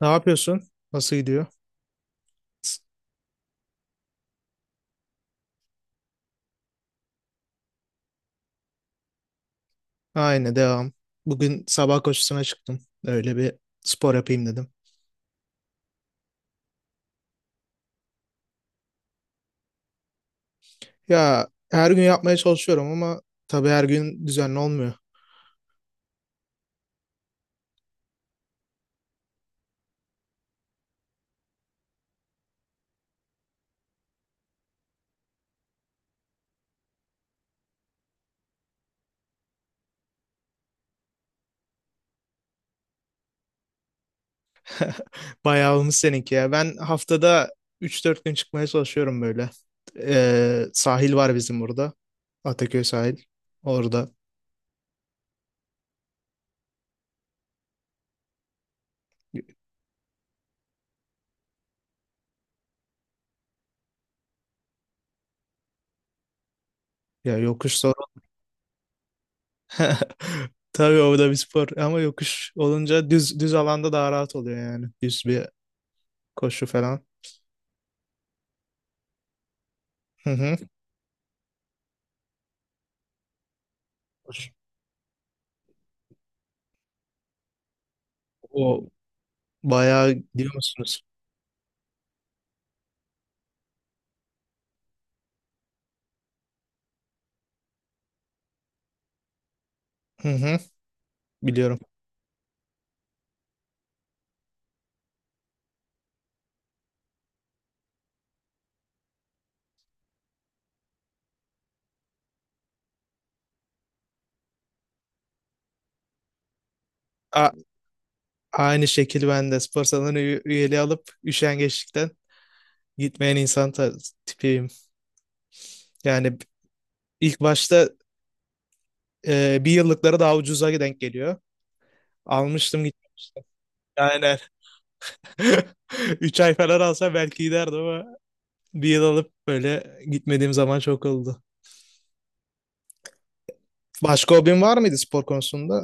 Ne yapıyorsun? Nasıl gidiyor? Aynı devam. Bugün sabah koşusuna çıktım. Öyle bir spor yapayım dedim. Ya her gün yapmaya çalışıyorum ama tabii her gün düzenli olmuyor. Bayağı olmuş seninki ya. Ben haftada üç dört gün çıkmaya çalışıyorum böyle. Sahil var bizim burada. Ataköy sahil. Orada. Ya yokuş sorun. Tabii o da bir spor ama yokuş olunca düz düz alanda daha rahat oluyor yani. Düz bir koşu falan. Hı hı. Koşu. O bayağı gidiyor musunuz? Hı hı. Biliyorum. A- Aynı şekil ben de spor salonu üyeliği alıp üşengeçlikten gitmeyen insan tipiyim. Yani ilk başta bir yıllıkları daha ucuza denk geliyor. Almıştım gitmiştim. Aynen. Üç ay falan alsa belki giderdim ama bir yıl alıp böyle gitmediğim zaman çok oldu. Başka hobin var mıydı spor konusunda?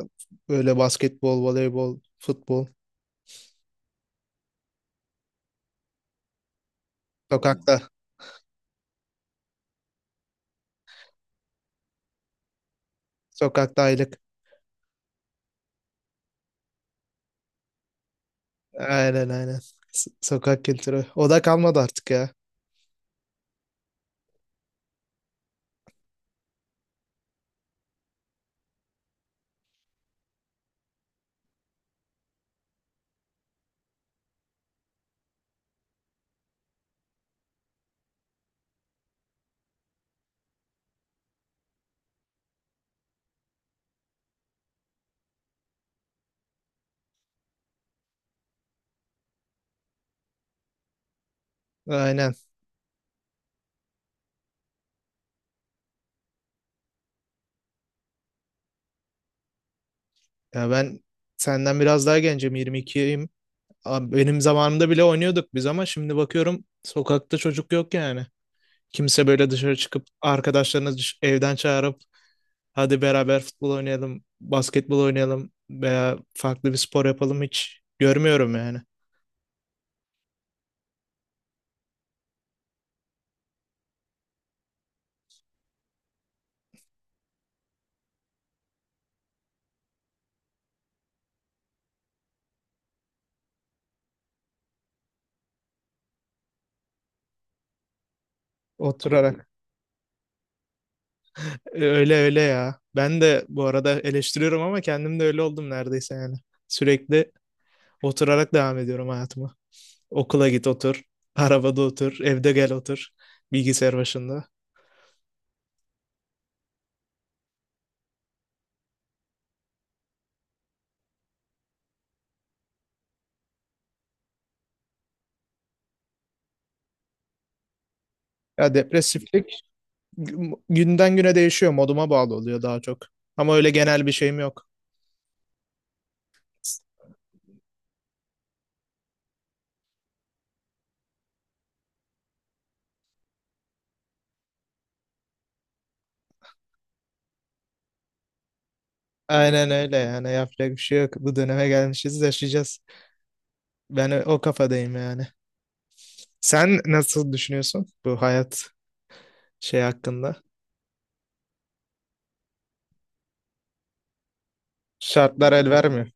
Böyle basketbol, voleybol, futbol, sokakta. Sokakta aylık. Aynen, aynen. Sokak kültürü. O da kalmadı artık ya. Aynen. Ya ben senden biraz daha gencim, 22'yim. Abi, benim zamanımda bile oynuyorduk biz ama şimdi bakıyorum sokakta çocuk yok yani. Kimse böyle dışarı çıkıp arkadaşlarını evden çağırıp hadi beraber futbol oynayalım, basketbol oynayalım veya farklı bir spor yapalım hiç görmüyorum yani. Oturarak. Öyle öyle ya. Ben de bu arada eleştiriyorum ama kendim de öyle oldum neredeyse yani. Sürekli oturarak devam ediyorum hayatıma. Okula git otur. Arabada otur. Evde gel otur. Bilgisayar başında. Ya depresiflik günden güne değişiyor. Moduma bağlı oluyor daha çok. Ama öyle genel bir şeyim yok. Aynen öyle yani yapacak bir şey yok. Bu döneme gelmişiz, yaşayacağız. Ben o kafadayım yani. Sen nasıl düşünüyorsun bu hayat şey hakkında? Şartlar el vermiyor.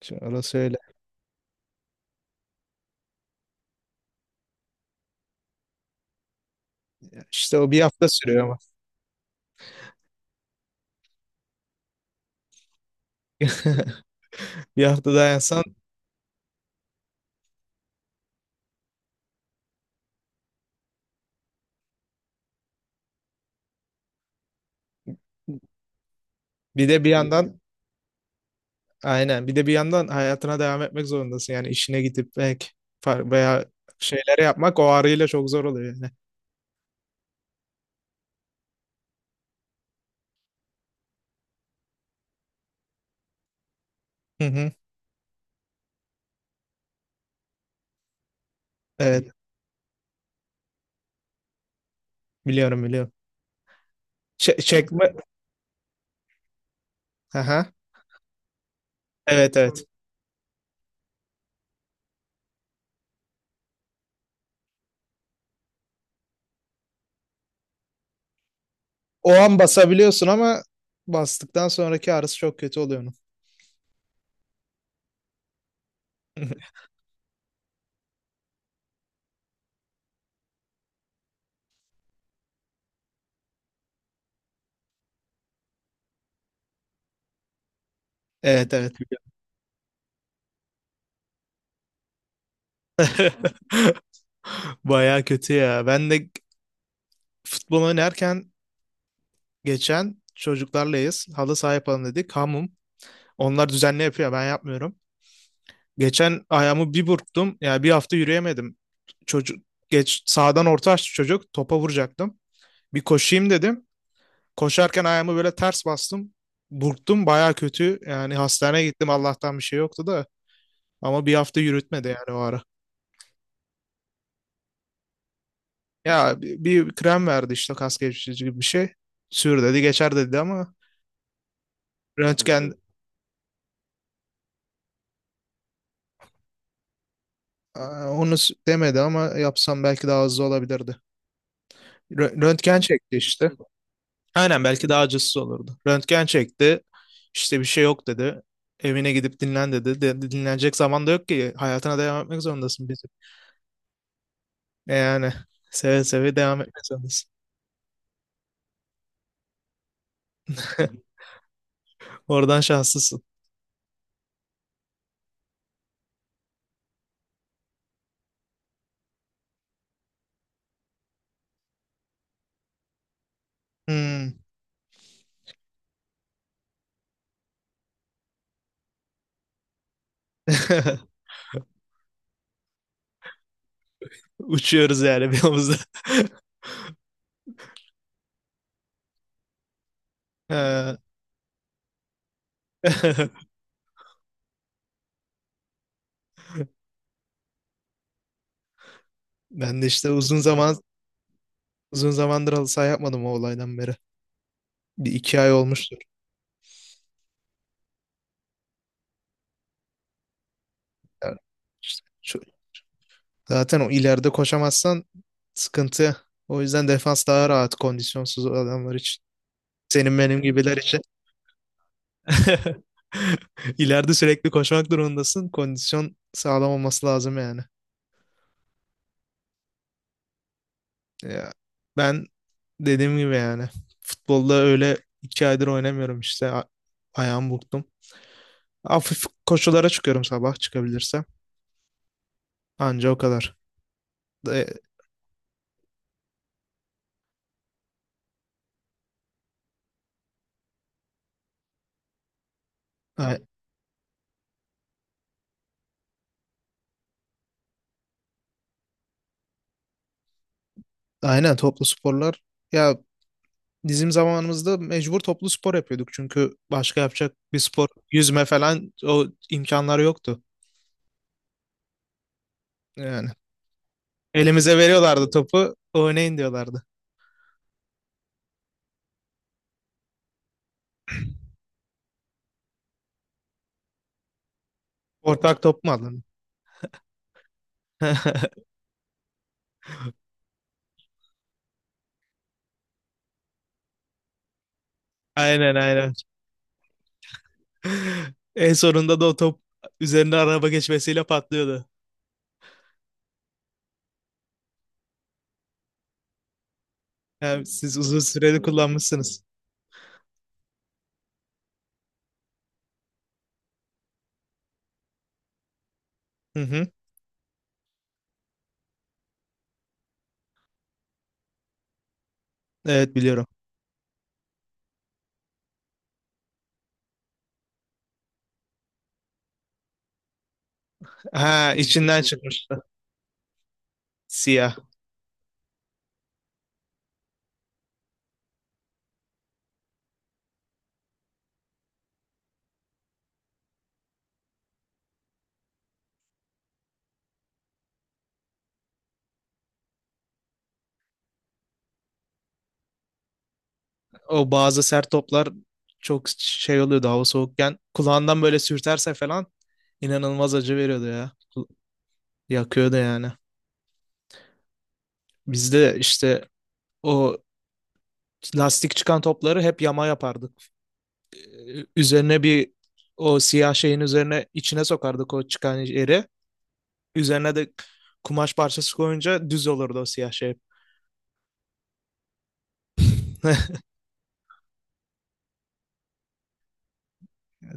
Şimdi orası öyle. İşte o bir hafta sürüyor ama. Bir hafta dayansan, bir de bir yandan aynen, bir de bir yandan hayatına devam etmek zorundasın. Yani işine gidip belki veya şeyleri yapmak o ağrıyla çok zor oluyor yani. Hı hı. Evet, biliyorum, biliyorum. Çekme. Aha. Evet, evet. O an basabiliyorsun ama bastıktan sonraki ağrısı çok kötü oluyor onun. Evet, evet. Baya kötü ya. Ben de futbol oynarken geçen çocuklarlayız. Halı saha yapalım dedik. Hamum. Onlar düzenli yapıyor. Ben yapmıyorum. Geçen ayağımı bir burktum. Yani bir hafta yürüyemedim. Çocuk geç sağdan orta açtı çocuk. Topa vuracaktım. Bir koşayım dedim. Koşarken ayağımı böyle ters bastım. Burktum baya kötü. Yani hastaneye gittim. Allah'tan bir şey yoktu da. Ama bir hafta yürütmedi yani o ara. Ya bir krem verdi işte kas gevşetici gibi bir şey. Sür dedi, geçer dedi ama röntgen. Hmm. Onu demedi ama yapsam belki daha hızlı olabilirdi. Röntgen çekti işte. Aynen belki daha acısız olurdu. Röntgen çekti. İşte bir şey yok dedi. Evine gidip dinlen dedi. Dinlenecek zaman da yok ki. Hayatına devam etmek zorundasın bizim. Yani seve seve devam etmek zorundasın. Oradan şanslısın. Hmm. Uçuyoruz yani bir omuzda. Ha. Ben de işte uzun zamandır halı saha yapmadım o olaydan beri. Bir iki ay olmuştur. Yani işte zaten o ileride koşamazsan sıkıntı. O yüzden defans daha rahat kondisyonsuz adamlar için. Senin benim gibiler için. İleride sürekli koşmak durumundasın. Kondisyon sağlam olması lazım yani. Ya, ben dediğim gibi yani futbolda öyle iki aydır oynamıyorum işte. Ayağımı burktum. Hafif koşulara çıkıyorum sabah çıkabilirsem. Anca o kadar. E, a- aynen toplu sporlar. Ya bizim zamanımızda mecbur toplu spor yapıyorduk çünkü başka yapacak bir spor, yüzme falan o imkanlar yoktu. Yani elimize veriyorlardı topu, oynayın diyorlardı. Ortak top mu alın? Aynen, aynen. En sonunda da o top üzerinde araba geçmesiyle patlıyordu. Yani siz uzun süreli kullanmışsınız. Hı hı. Evet, biliyorum. Ha, içinden çıkmıştı. Siyah. O bazı sert toplar çok şey oluyordu hava soğukken. Kulağından böyle sürterse falan inanılmaz acı veriyordu ya. Yakıyordu yani. Biz de işte o lastik çıkan topları hep yama yapardık. Ee, Üzerine bir o siyah şeyin üzerine içine sokardık o çıkan yeri. Üzerine de kumaş parçası koyunca düz olurdu o siyah şey.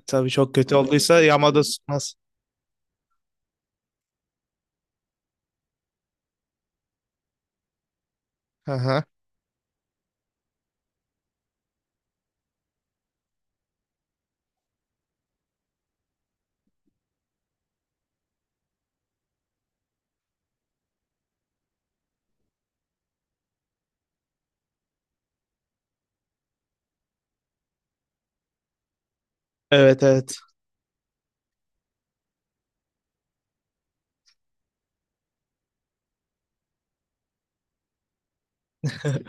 Tabii çok kötü olduysa yamada, anladım, sıkmaz. Aha. Evet, evet.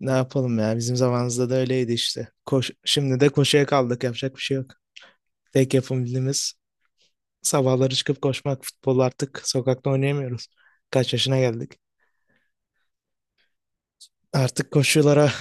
Ne yapalım ya bizim zamanımızda da öyleydi işte. Şimdi de koşuya kaldık yapacak bir şey yok. Tek yapabildiğimiz sabahları çıkıp koşmak futbol artık sokakta oynayamıyoruz. Kaç yaşına geldik. Artık koşulara